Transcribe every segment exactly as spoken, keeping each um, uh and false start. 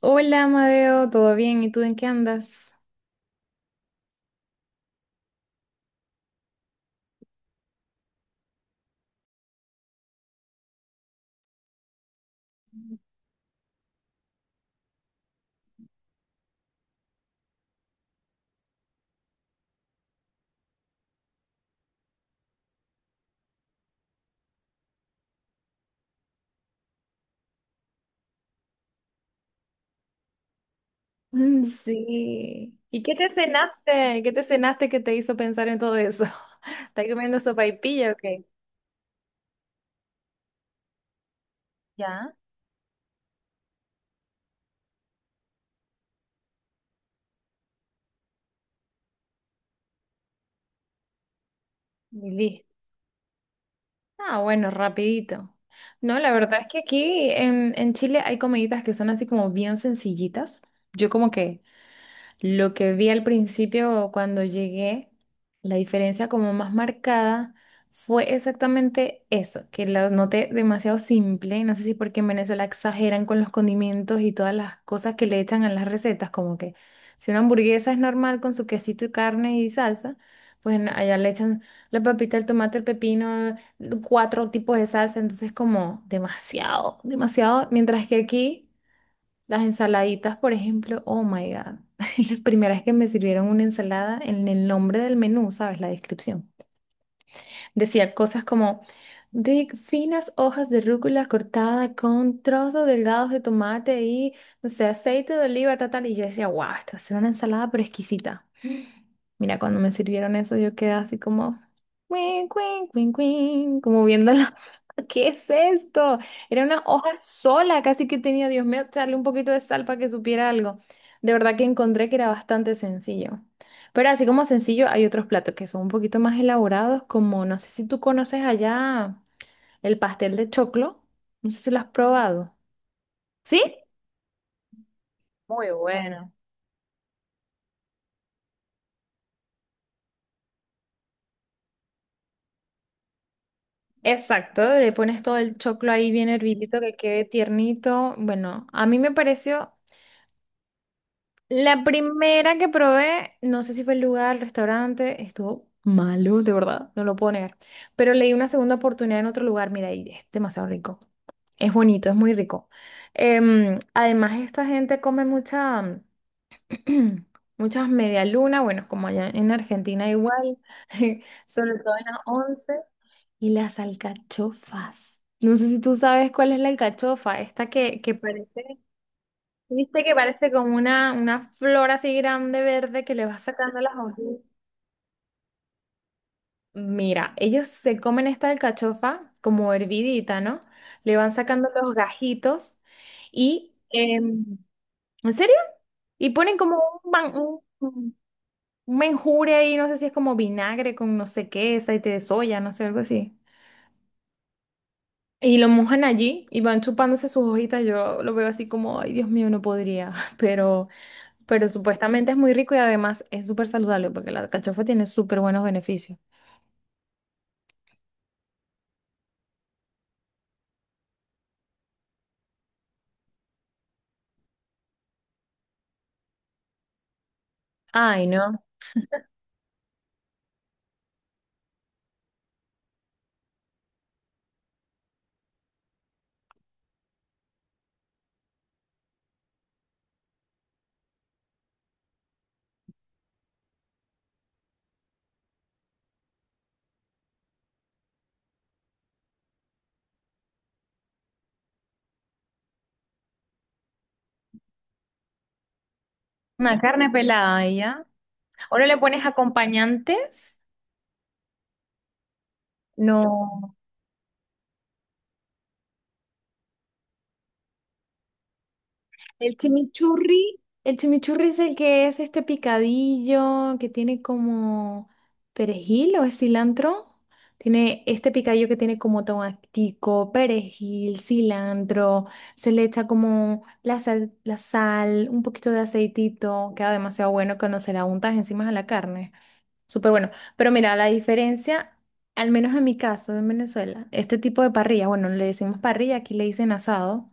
Hola, Amadeo, ¿todo bien? ¿Y tú en qué andas? Mm, Sí. ¿Y qué te cenaste? ¿Qué te cenaste que te hizo pensar en todo eso? ¿Estás comiendo sopaipilla o qué? Ya, y listo. Ah, bueno, rapidito. No, la verdad es que aquí en, en Chile hay comiditas que son así como bien sencillitas. Yo como que lo que vi al principio cuando llegué, la diferencia como más marcada fue exactamente eso, que lo noté demasiado simple. No sé si porque en Venezuela exageran con los condimentos y todas las cosas que le echan a las recetas, como que si una hamburguesa es normal con su quesito y carne y salsa, pues en- allá le echan la papita, el tomate, el pepino, cuatro tipos de salsa, entonces como demasiado, demasiado, mientras que aquí... Las ensaladitas, por ejemplo, oh my God. La primera vez que me sirvieron una ensalada, en el nombre del menú, ¿sabes? La descripción. Decía cosas como de finas hojas de rúcula cortada con trozos delgados de tomate y, no sé, aceite de oliva, tal, tal. Y yo decía, wow, esto va a ser una ensalada pero exquisita. Mira, cuando me sirvieron eso, yo quedé así como, cuin, cuin, cuin, cuin, como viendo la ¿Qué es esto? Era una hoja sola, casi que tenía, Dios mío, echarle un poquito de sal para que supiera algo. De verdad que encontré que era bastante sencillo. Pero así como sencillo, hay otros platos que son un poquito más elaborados, como no sé si tú conoces allá el pastel de choclo. No sé si lo has probado. ¿Sí? Muy bueno. Exacto, le pones todo el choclo ahí bien hervidito que quede tiernito. Bueno, a mí me pareció la primera que probé, no sé si fue el lugar, el restaurante, estuvo malo, de verdad, no lo puedo negar. Pero le di una segunda oportunidad en otro lugar, mira, y es demasiado rico. Es bonito, es muy rico. Em, además, esta gente come mucha, muchas medialunas, bueno, como allá en Argentina igual, sobre todo en las once y las alcachofas. No sé si tú sabes cuál es la alcachofa, esta que, que parece... Viste que parece como una, una flor así grande verde que le va sacando las hojas. Mira, ellos se comen esta alcachofa como hervidita, ¿no? Le van sacando los gajitos y, em, ¿en serio? Y ponen como un, man- un, un menjure ahí, no sé si es como vinagre con no sé qué, aceite de soya, no sé, algo así. Y lo mojan allí y van chupándose sus hojitas. Yo lo veo así como, ay, Dios mío, no podría, pero... Pero supuestamente es muy rico y además es súper saludable porque la alcachofa tiene súper buenos beneficios. Ay, no. Una carne pelada y ya. ¿O no le pones acompañantes? No. El chimichurri, el chimichurri es el que es este picadillo que tiene como perejil o es cilantro. Tiene este picadillo que tiene como tomatico, perejil, cilantro. Se le echa como la sal, la sal, un poquito de aceitito. Queda demasiado bueno cuando se la untas encima a la carne. Súper bueno. Pero mira, la diferencia, al menos en mi caso, en Venezuela, este tipo de parrilla, bueno, le decimos parrilla, aquí le dicen asado.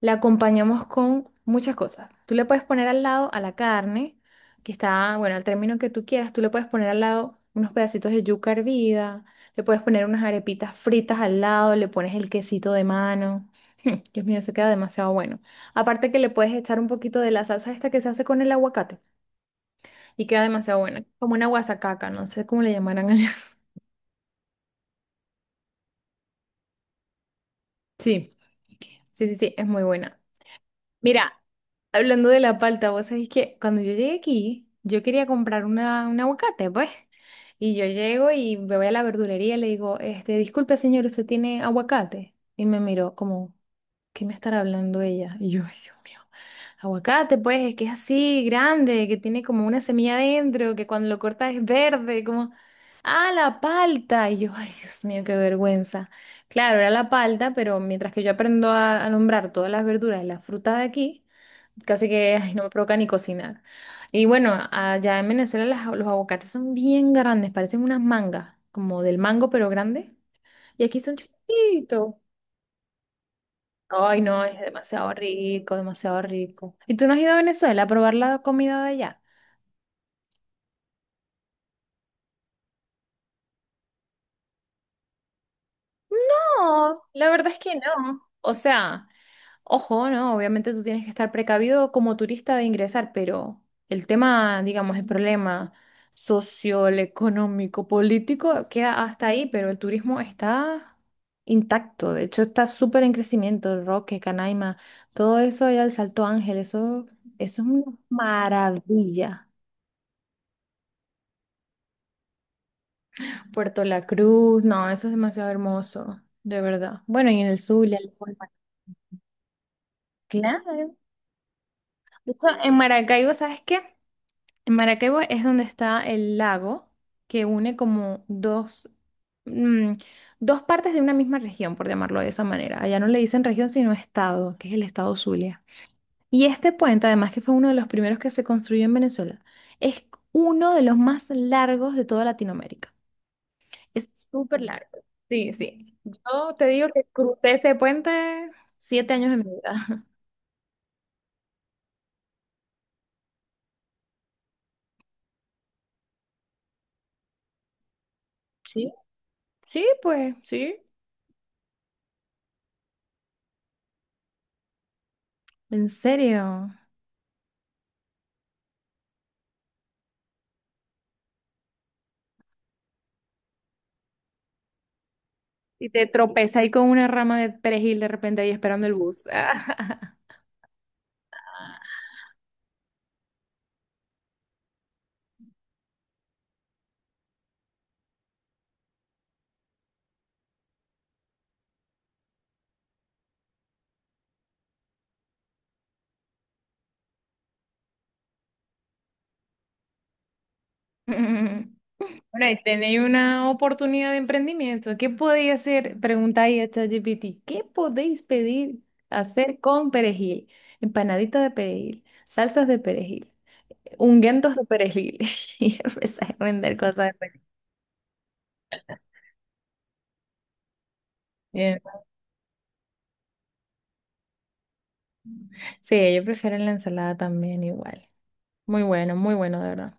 La acompañamos con muchas cosas. Tú le puedes poner al lado a la carne, que está, bueno, al término que tú quieras, tú le puedes poner al lado unos pedacitos de yuca hervida, le puedes poner unas arepitas fritas al lado, le pones el quesito de mano. Dios mío, eso queda demasiado bueno. Aparte que le puedes echar un poquito de la salsa esta que se hace con el aguacate y queda demasiado buena, como una guasacaca, no sé cómo le llamarán allá. Sí, sí, sí, sí, es muy buena. Mira, hablando de la palta, vos sabés que cuando yo llegué aquí, yo quería comprar una, un aguacate, pues. Y yo llego y me voy a la verdulería y le digo, este, disculpe señor, ¿usted tiene aguacate? Y me miró como, ¿qué me estará hablando ella? Y yo, ay, Dios mío, aguacate, pues, es que es así, grande, que tiene como una semilla adentro, que cuando lo cortas es verde, como, ah, la palta. Y yo, ay, Dios mío, qué vergüenza. Claro, era la palta, pero mientras que yo aprendo a, a nombrar todas las verduras y las frutas de aquí, casi que ay, no me provoca ni cocinar. Y bueno, allá en Venezuela las- los aguacates son bien grandes, parecen unas mangas, como del mango, pero grande. Y aquí son chiquitos. Ay, no, es demasiado rico, demasiado rico. ¿Y tú no has ido a Venezuela a probar la comida de allá? No, la verdad es que no. O sea, ojo, ¿no? Obviamente tú tienes que estar precavido como turista de ingresar, pero el tema, digamos, el problema social, económico, político queda hasta ahí, pero el turismo está intacto. De hecho, está súper en crecimiento. El Roque, Canaima, todo eso allá, el Salto Ángel, eso, eso es una maravilla. Puerto La Cruz, no, eso es demasiado hermoso, de verdad. Bueno, y en el Zulia, el Lago claro. De hecho, en Maracaibo, ¿sabes qué? En Maracaibo es donde está el lago que une como dos, mm, dos partes de una misma región, por llamarlo de esa manera. Allá no le dicen región, sino estado, que es el estado Zulia. Y este puente, además que fue uno de los primeros que se construyó en Venezuela, es uno de los más largos de toda Latinoamérica. Es súper largo. Sí, sí. Yo te digo que crucé ese puente siete años de mi vida. Sí, sí, pues, sí. ¿En serio? Y te tropezas ahí con una rama de perejil de repente ahí esperando el bus. Mm. Bueno, y tenéis una oportunidad de emprendimiento. ¿Qué podéis hacer? Preguntáis a ChatGPT. ¿Qué podéis pedir hacer con perejil? Empanaditas de perejil, salsas de perejil, ungüentos de perejil. Y empezáis a vender cosas de perejil. Sí, yo prefiero la ensalada también igual. Muy bueno, muy bueno, de verdad.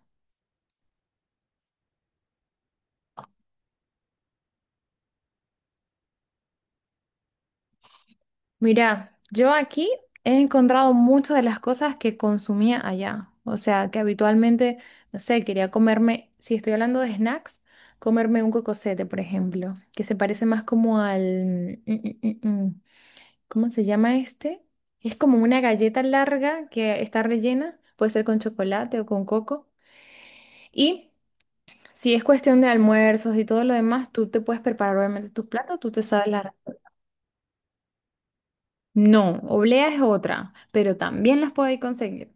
Mira, yo aquí he encontrado muchas de las cosas que consumía allá. O sea, que habitualmente, no sé, quería comerme, si estoy hablando de snacks, comerme un cocosete, por ejemplo, que se parece más como al... mm, mm, mm, mm. ¿Cómo se llama este? Es como una galleta larga que está rellena, puede ser con chocolate o con coco. Y si es cuestión de almuerzos y todo lo demás, tú te puedes preparar obviamente tus platos, tú te sabes la... No, oblea es otra, pero también las podéis conseguir.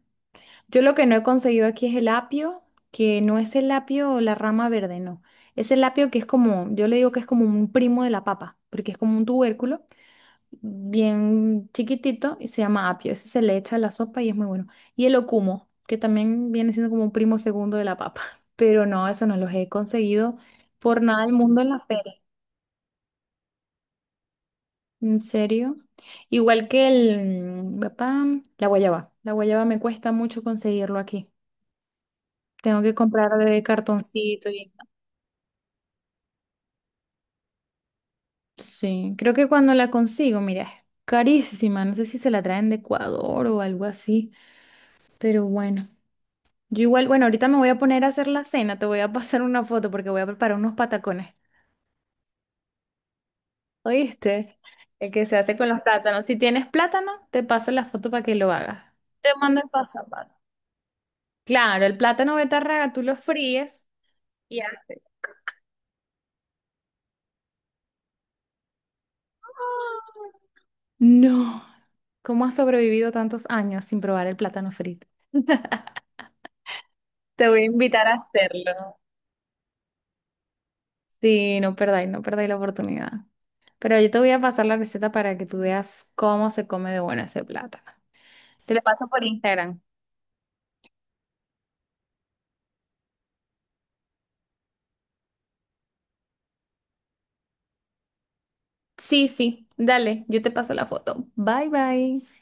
Yo lo que no he conseguido aquí es el apio, que no es el apio o la rama verde, no. Es el apio que es como, yo le digo que es como un primo de la papa, porque es como un tubérculo bien chiquitito y se llama apio. Ese se le echa a la sopa y es muy bueno. Y el ocumo, que también viene siendo como un primo segundo de la papa, pero no, eso no los he conseguido por nada del mundo en la feria. ¿En serio? Igual que el mm, papá, la guayaba. La guayaba me cuesta mucho conseguirlo aquí. Tengo que comprar de cartoncito y... Sí, creo que cuando la consigo, mira, es carísima. No sé si se la traen de Ecuador o algo así, pero bueno. Yo igual, bueno, ahorita me voy a poner a hacer la cena. Te voy a pasar una foto porque voy a preparar unos patacones. ¿Oíste? El que se hace con los plátanos. Si tienes plátano, te paso la foto para que lo hagas. Te mando el paso claro, el plátano betarraga tú lo fríes y hace. No, ¿cómo has sobrevivido tantos años sin probar el plátano frito? Te voy a invitar a hacerlo. Sí, no perdáis, no perdáis la oportunidad. Pero yo te voy a pasar la receta para que tú veas cómo se come de buena ese plátano. Te lo paso por Instagram. Sí, sí, dale, yo te paso la foto. Bye, bye.